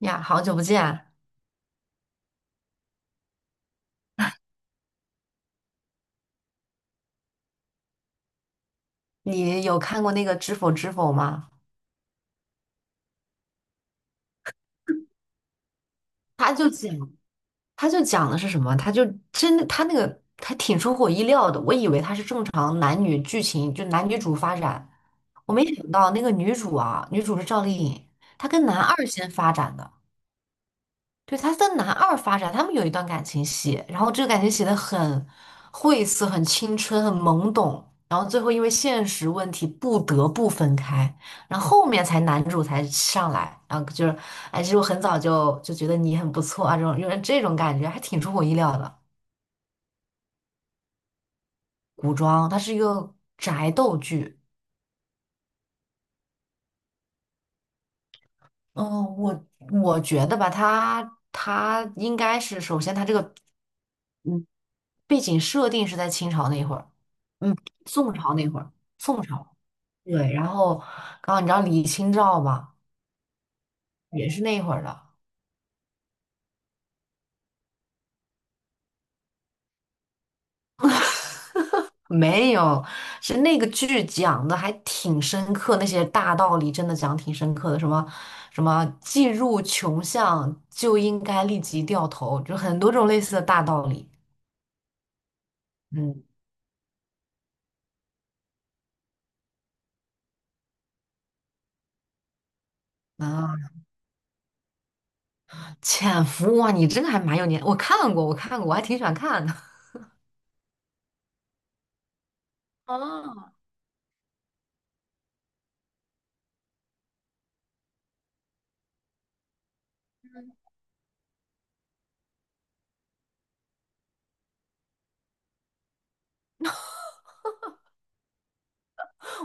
呀，好久不见！你有看过那个《知否知否》吗？他就讲，他就讲的是什么？他就真的，他那个还挺出乎我意料的。我以为他是正常男女剧情，就男女主发展，我没想到那个女主啊，女主是赵丽颖，她跟男二先发展的。对，他在男二发展，他们有一段感情戏，然后这个感情写的很晦涩、很青春、很懵懂，然后最后因为现实问题不得不分开，然后后面才男主才上来，然后就是，哎，其实我很早就觉得你很不错啊，这种有点这种感觉，还挺出我意料的。古装它是一个宅斗剧。嗯，我觉得吧，它应该是首先它这个嗯背景设定是在清朝那一会儿。嗯，宋朝那会儿，宋朝，对，然后，刚后你知道李清照吧，也是那会儿的，没有，是那个剧讲的还挺深刻，那些大道理真的讲挺深刻的，什么既入穷巷就应该立即掉头，就很多种类似的大道理。嗯啊，潜伏哇，你这个还蛮有年，我看过，我看过，我还挺喜欢看的。啊？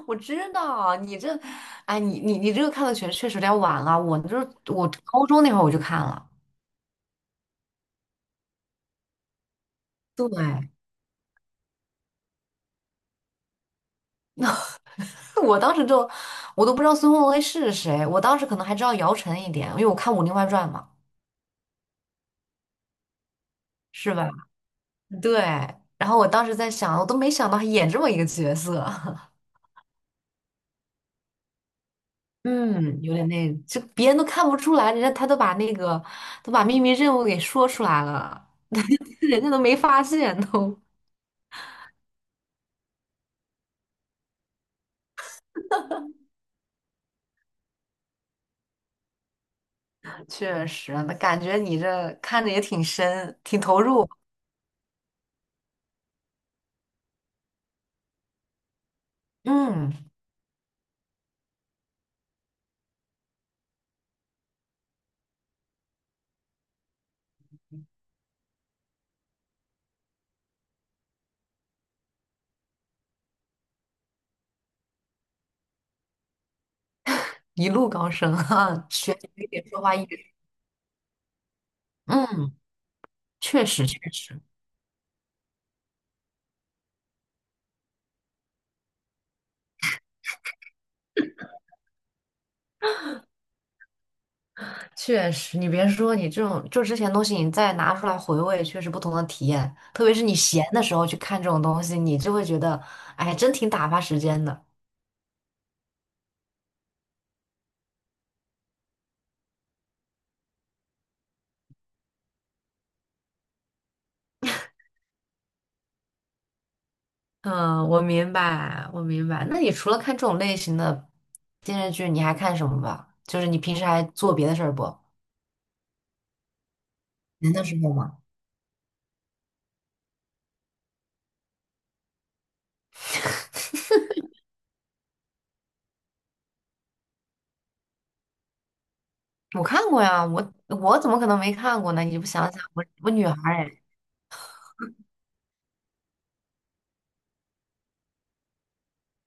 我知道你这，哎，你这个看的确确实有点晚了。我就是我高中那会儿我就看了，对，我当时就我都不知道孙红雷是谁，我当时可能还知道姚晨一点，因为我看《武林外传》嘛，是吧？对。然后我当时在想，我都没想到他演这么一个角色。嗯，有点那，就别人都看不出来，人家他都把那个都把秘密任务给说出来了，人家都没发现都。确实，那感觉你这看着也挺深，挺投入。嗯，一路高升啊。学一点说话一术。嗯，确实确实确实，你别说，你这种就之前东西，你再拿出来回味，确实不同的体验。特别是你闲的时候去看这种东西，你就会觉得，哎，真挺打发时间的。嗯，我明白，我明白。那你除了看这种类型的电视剧，你还看什么吧？就是你平时还做别的事儿不？闲的时候吗？我看过呀，我怎么可能没看过呢？你不想想，我女孩儿哎，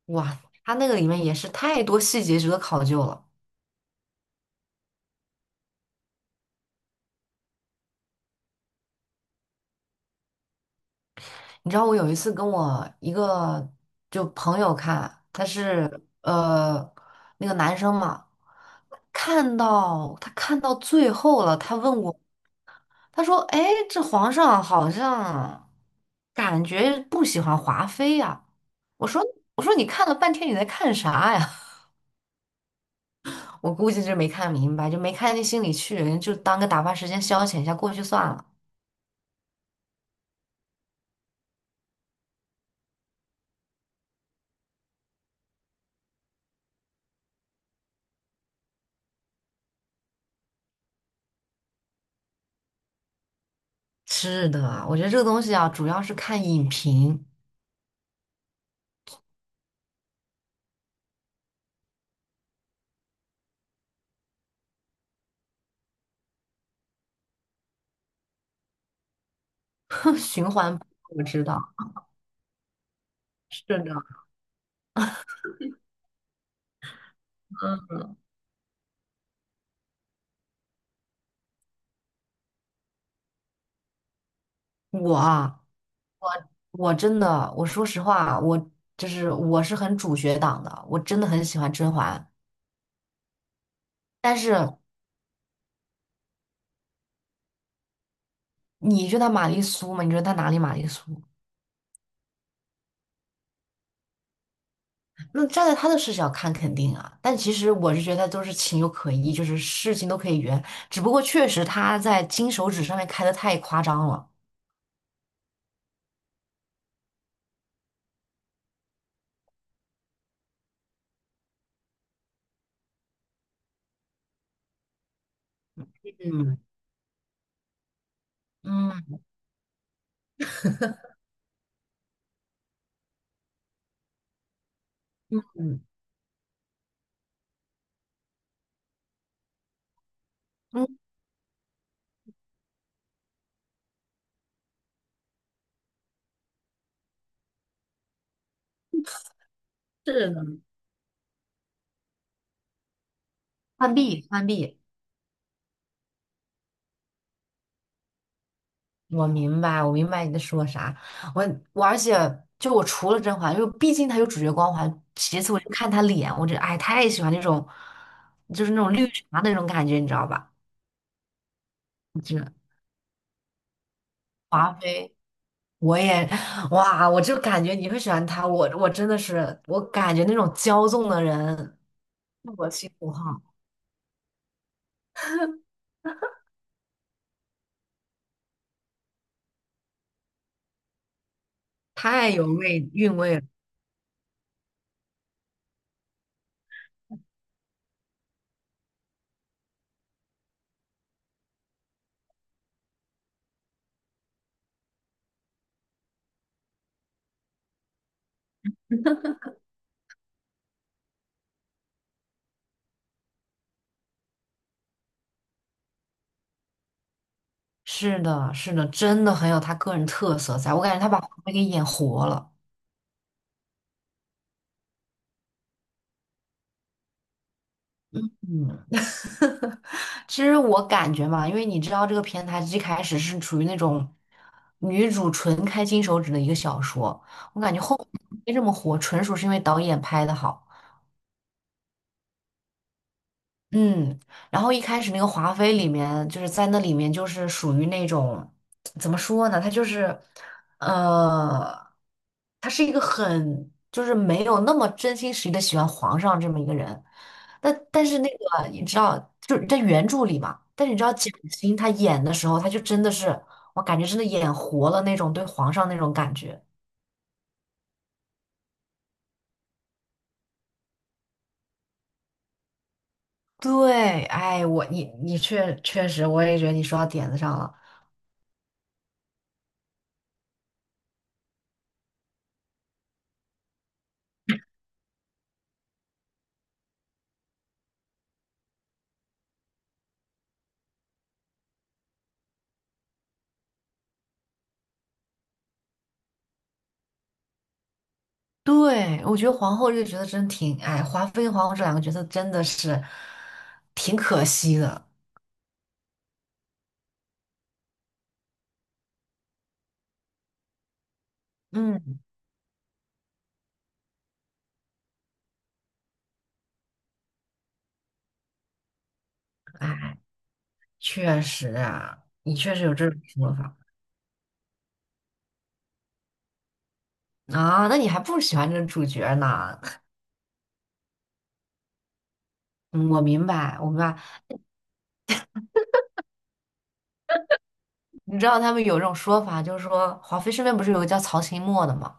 哇，她那个里面也是太多细节值得考究了。你知道我有一次跟我一个就朋友看，他是那个男生嘛，看到最后了，他问我，他说：“哎，这皇上好像感觉不喜欢华妃呀。”我说：“我说你看了半天你在看啥呀？”我估计是没看明白，就没看进心里去，人就当个打发时间消遣一下过去算了。是的，我觉得这个东西啊，主要是看影评。循环播，我知道。是的，嗯我啊，我真的，我说实话，我是很主角党的，我真的很喜欢甄嬛。但是你觉得她玛丽苏吗？你觉得她哪里玛丽苏？那站在他的视角看，肯定啊，但其实我是觉得都是情有可依，就是事情都可以圆，只不过确实他在金手指上面开的太夸张了。嗯嗯嗯嗯，是的，浣碧，我明白，我明白你在说啥。我我而且我除了甄嬛，就毕竟她有主角光环，其次我就看她脸，我就哎太喜欢那种，就是那种绿茶的那种感觉，你知道吧？就是华妃。我也，哇，我就感觉你会喜欢他，我真的是，我感觉那种骄纵的人，我心不好，太有味韵味了。是的，是的，真的很有他个人特色在，我感觉他把黄梅给演活了。嗯，其实我感觉嘛，因为你知道这个片它一开始是处于那种女主纯开金手指的一个小说，我感觉后面没这么火，纯属是因为导演拍的好。嗯，然后一开始那个华妃里面，就是在那里面就是属于那种，怎么说呢？她就是，呃，她是一个很就是没有那么真心实意的喜欢皇上这么一个人。但是那个你知道，就是在原著里嘛，但是你知道蒋欣她演的时候，她就真的是，我感觉真的演活了那种对皇上那种感觉。对，哎，我你你确确实，我也觉得你说到点子上了。对，我觉得皇后这个角色真挺，哎，华妃跟皇后这两个角色真的是挺可惜的。嗯，哎，确实啊，你确实有这种说法啊，那你还不喜欢这个主角呢？嗯我明白，我明白。你知道他们有这种说法，就是说华妃身边不是有个叫曹琴墨的吗？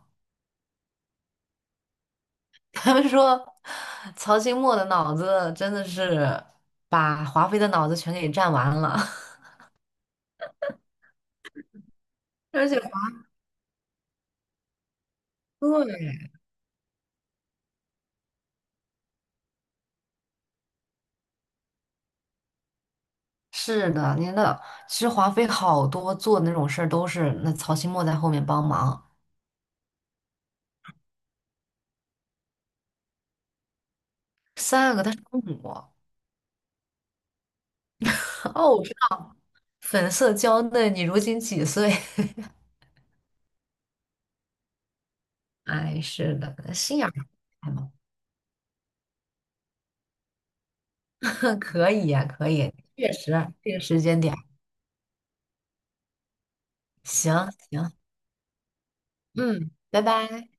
他们说曹琴墨的脑子真的是把华妃的脑子全给占完了，而且对。是的，您的其实华妃好多做的那种事儿都是那曹新墨在后面帮忙。三阿哥他是公母。 哦，我知道，粉色娇嫩，你如今几岁？哎，是的，心眼儿大嘛。可以呀、可以，确实这个时间点儿行行，嗯，拜拜。